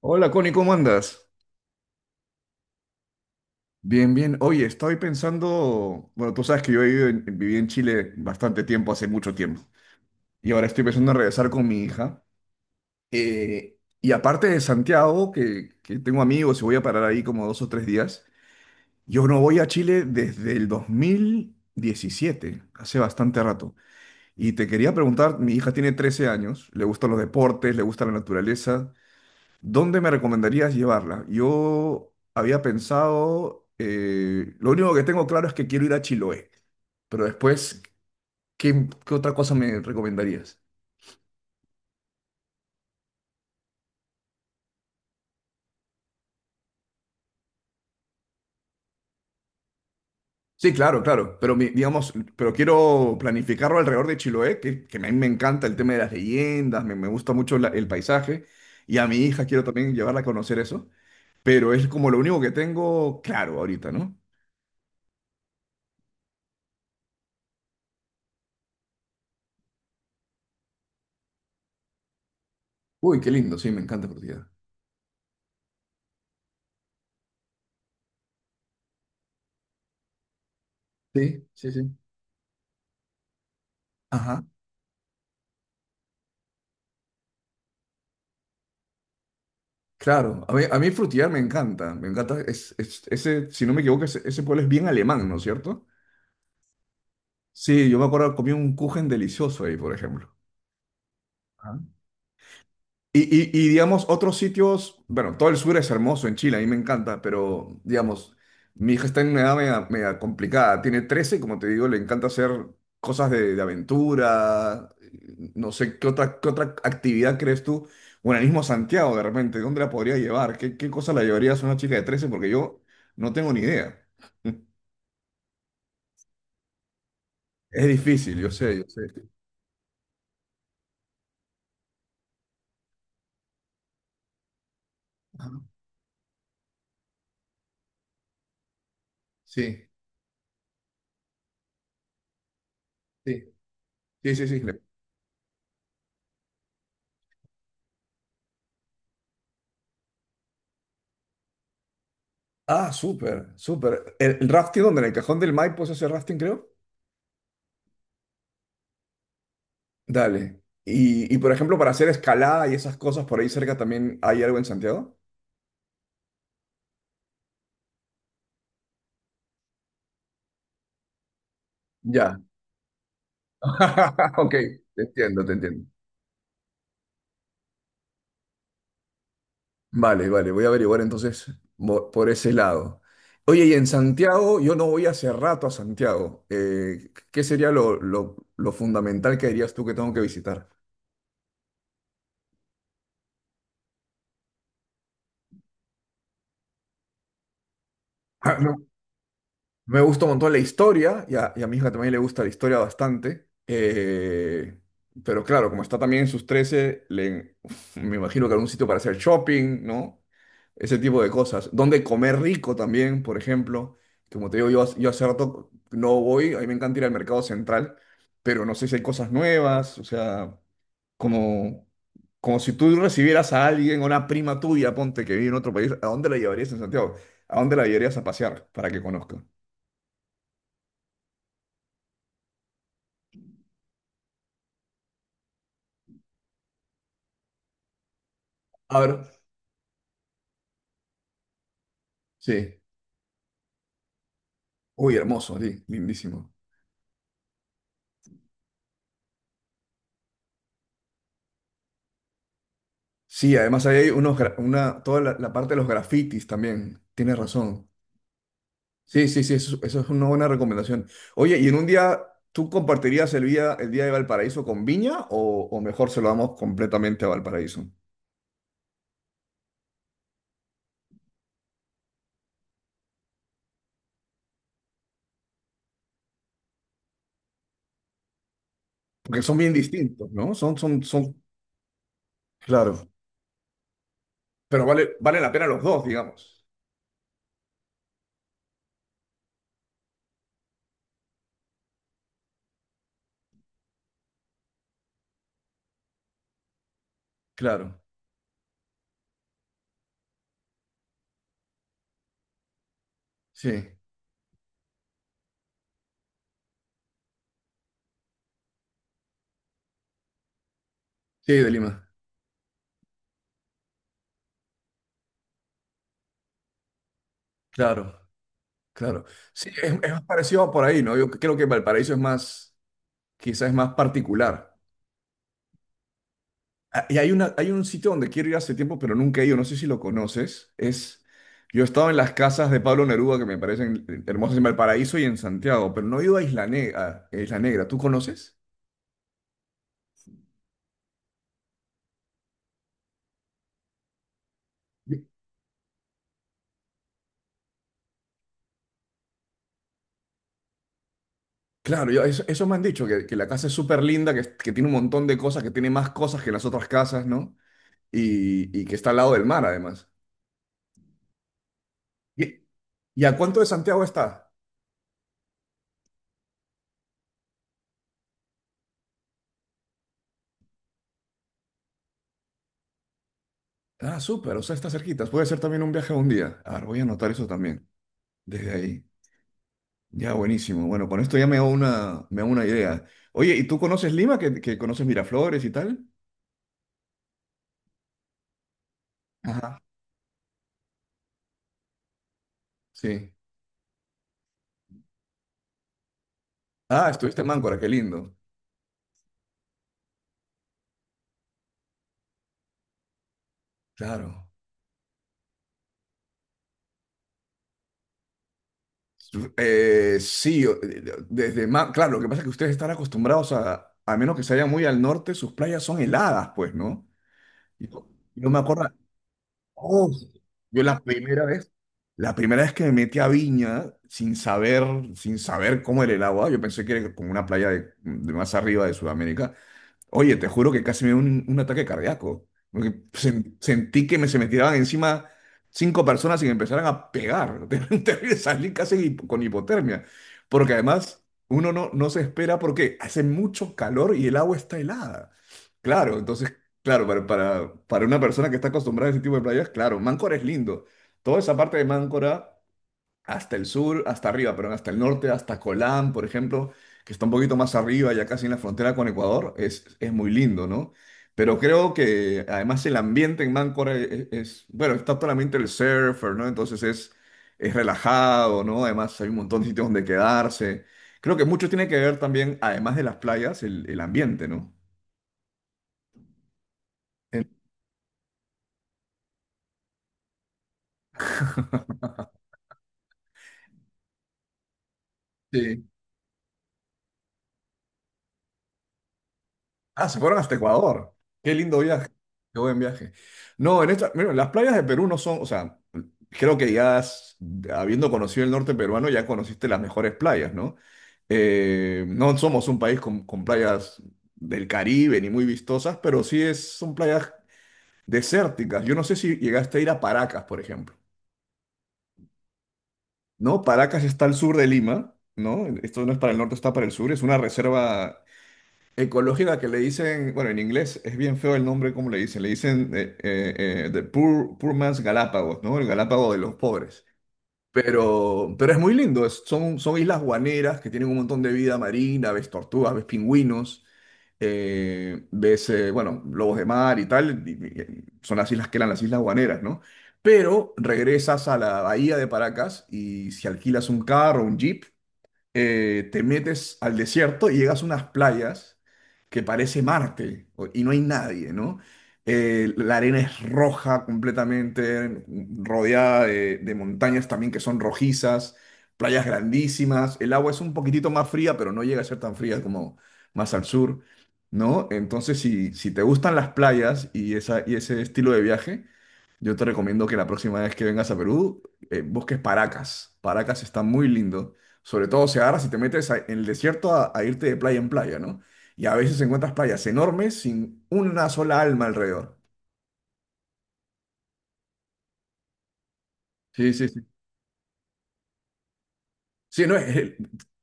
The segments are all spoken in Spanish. Hola, Connie, ¿cómo andas? Bien, bien. Oye, estoy pensando, bueno, tú sabes que yo viví en Chile bastante tiempo, hace mucho tiempo, y ahora estoy pensando en regresar con mi hija. Y aparte de Santiago, que tengo amigos y voy a parar ahí como 2 o 3 días, yo no voy a Chile desde el 2017, hace bastante rato. Y te quería preguntar, mi hija tiene 13 años, le gustan los deportes, le gusta la naturaleza. ¿Dónde me recomendarías llevarla? Yo había pensado, lo único que tengo claro es que quiero ir a Chiloé, pero después, ¿qué otra cosa me recomendarías? Sí, claro, claro, pero digamos, pero quiero planificarlo alrededor de Chiloé, que a mí me encanta el tema de las leyendas, me gusta mucho el paisaje, y a mi hija quiero también llevarla a conocer eso, pero es como lo único que tengo claro ahorita, ¿no? Uy, qué lindo, sí, me encanta Portugal. Sí, sí, sí. Claro, a mí Frutillar me encanta, ese, si no me equivoco, ese pueblo es bien alemán, ¿no es cierto? Sí, yo me acuerdo, comí un kuchen delicioso ahí, por ejemplo. Ah. Y, digamos, otros sitios, bueno, todo el sur es hermoso en Chile, a mí me encanta, pero digamos, mi hija está en una edad media, media complicada, tiene 13 y como te digo, le encanta hacer cosas de aventura, no sé, ¿qué otra actividad crees tú? Bueno, el mismo Santiago de repente, ¿dónde la podría llevar? ¿Qué cosa la llevarías a una chica de 13? Porque yo no tengo ni idea. Es difícil, yo sé, yo sé. Ajá. Sí, sí, sí, sí, sí. Ah, súper, súper. El rafting donde en el Cajón del Maipo se hace rafting, creo. Dale. Y, por ejemplo, para hacer escalada y esas cosas por ahí cerca también hay algo en Santiago. Ya. Ok, te entiendo, te entiendo. Vale, vale, voy a averiguar entonces por ese lado. Oye, y en Santiago, yo no voy hace rato a Santiago. ¿Qué sería lo fundamental que dirías tú que tengo que visitar? Me gusta un montón la historia, y a mi hija también le gusta la historia bastante. Pero claro, como está también en sus 13 le, me imagino que algún sitio para hacer shopping, ¿no? Ese tipo de cosas. Donde comer rico también, por ejemplo. Como te digo, yo hace rato no voy, a mí me encanta ir al mercado central, pero no sé si hay cosas nuevas, o sea, como, como si tú recibieras a alguien, a una prima tuya, ponte que vive en otro país, ¿a dónde la llevarías en Santiago? ¿A dónde la llevarías a pasear para que conozca? A ver, sí. Uy, hermoso, sí, lindísimo. Sí, además ahí hay una, toda la parte de los grafitis también. Tienes razón. Sí, sí, sí, eso es una buena recomendación. Oye, ¿y en un día tú compartirías el día de Valparaíso con Viña o mejor se lo damos completamente a Valparaíso? Porque son bien distintos, ¿no? Son, claro. Pero vale la pena los dos, digamos. Claro, sí. Sí, de Lima. Claro, claro. Sí, es más parecido por ahí, ¿no? Yo creo que Valparaíso es más, quizás es más particular. Ah, y hay un sitio donde quiero ir hace tiempo, pero nunca he ido, no sé si lo conoces. Yo he estado en las casas de Pablo Neruda, que me parecen hermosas en Valparaíso y en Santiago, pero no he ido a Isla Negra. ¿Tú conoces? Yo- Claro, eso me han dicho, que la casa es súper linda, que tiene un montón de cosas, que tiene más cosas que las otras casas, ¿no? Y que está al lado del mar, además. ¿Y, y a cuánto de Santiago está? Ah, súper, o sea, está cerquita. Puede ser también un viaje a un día. A ver, voy a anotar eso también, desde ahí. Ya, buenísimo. Bueno, con esto ya me hago una idea. Oye, ¿y tú conoces Lima? ¿Que conoces Miraflores y tal? Ajá, sí. Ah, estuviste en Máncora, qué lindo. Claro. Sí, claro, lo que pasa es que ustedes están acostumbrados a menos que se vayan muy al norte, sus playas son heladas, pues, ¿no? Y yo me acuerdo, oh, yo la primera vez que me metí a Viña, sin saber cómo era el agua, yo pensé que era como una playa de más arriba de Sudamérica. Oye, te juro que casi me dio un ataque cardíaco. Porque sentí que se me tiraban encima cinco personas y me empezaran a pegar. Terrible. Salí casi con hipotermia. Porque además uno no se espera porque hace mucho calor y el agua está helada. Claro, entonces, claro, para una persona que está acostumbrada a ese tipo de playas, claro, Máncora es lindo. Toda esa parte de Máncora hasta el sur, hasta arriba, perdón, hasta el norte, hasta Colán, por ejemplo, que está un poquito más arriba, ya casi en la frontera con Ecuador, es muy lindo, ¿no? Pero creo que además el ambiente en Máncora bueno, está todo el ambiente del surfer, ¿no? Entonces es relajado, ¿no? Además hay un montón de sitios donde quedarse. Creo que mucho tiene que ver también, además de las playas, el ambiente, ¿no? En- Sí. Ah, se fueron hasta Ecuador. Qué lindo viaje. Qué buen viaje. No, mira, las playas de Perú no son, o sea, creo que ya habiendo conocido el norte peruano, ya conociste las mejores playas, ¿no? No somos un país con playas del Caribe ni muy vistosas, pero sí son playas desérticas. Yo no sé si llegaste a ir a Paracas, por ejemplo. ¿No? Paracas está al sur de Lima, ¿no? Esto no es para el norte, está para el sur. Es una reserva ecológica que le dicen, bueno, en inglés es bien feo el nombre, ¿como le dicen? Le dicen The Poor, Poor Man's Galápagos, ¿no? El Galápago de los pobres. Pero es muy lindo, son islas guaneras que tienen un montón de vida marina, ves tortugas, ves pingüinos, ves, bueno, lobos de mar y tal, son las islas que eran las islas guaneras, ¿no? Pero regresas a la bahía de Paracas y si alquilas un carro, un jeep, te metes al desierto y llegas a unas playas que parece Marte y no hay nadie, ¿no? La arena es roja completamente, rodeada de montañas también que son rojizas, playas grandísimas, el agua es un poquitito más fría, pero no llega a ser tan fría como más al sur, ¿no? Entonces, si te gustan las playas y, y ese estilo de viaje, yo te recomiendo que la próxima vez que vengas a Perú, busques Paracas. Paracas está muy lindo. Sobre todo se agarra si te metes en el desierto a irte de playa en playa, ¿no? Y a veces encuentras playas enormes sin una sola alma alrededor. Sí, sí, sí. Sí, no,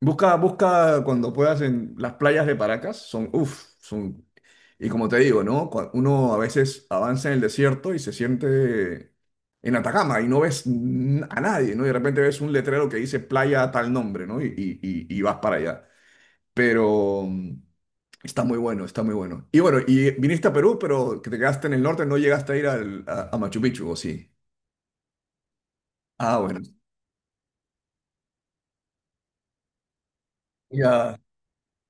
busca, busca cuando puedas en las playas de Paracas, son, uff, son, y como te digo, ¿no? Uno a veces avanza en el desierto y se siente en Atacama y no ves a nadie, ¿no? Y de repente ves un letrero que dice playa tal nombre, ¿no? Y vas para allá. Pero está muy bueno, está muy bueno. Y bueno, y viniste a Perú, pero que te quedaste en el norte, no llegaste a ir a Machu Picchu, ¿o sí? Ah, bueno. Ya.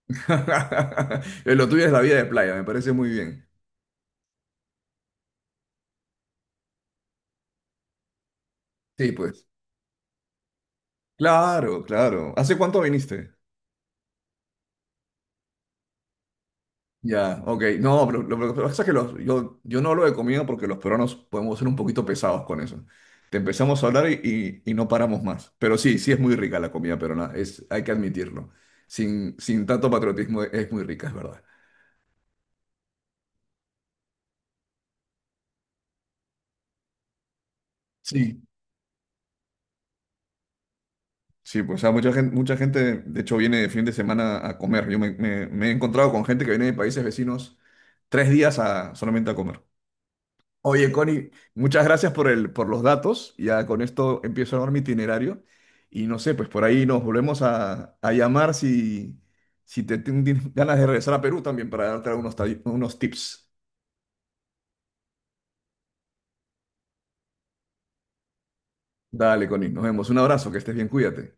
Lo tuyo es la vida de playa, me parece muy bien. Sí, pues. Claro, claro. ¿Hace cuánto viniste? Ya, ok. No, pero lo que pasa es que yo no lo he comido porque los peruanos podemos ser un poquito pesados con eso. Te empezamos a hablar y no paramos más. Pero sí, sí es muy rica la comida peruana, hay que admitirlo. Sin tanto patriotismo es muy rica, es verdad. Sí. Sí, pues o sea, mucha gente, de hecho, viene de fin de semana a comer. Yo me he encontrado con gente que viene de países vecinos 3 días solamente a comer. Oye, Connie, muchas gracias por los datos. Ya con esto empiezo a armar mi itinerario. Y no sé, pues por ahí nos volvemos a llamar si te tienes ganas de regresar a Perú también para darte unos tips. Dale, Connie, nos vemos. Un abrazo, que estés bien, cuídate.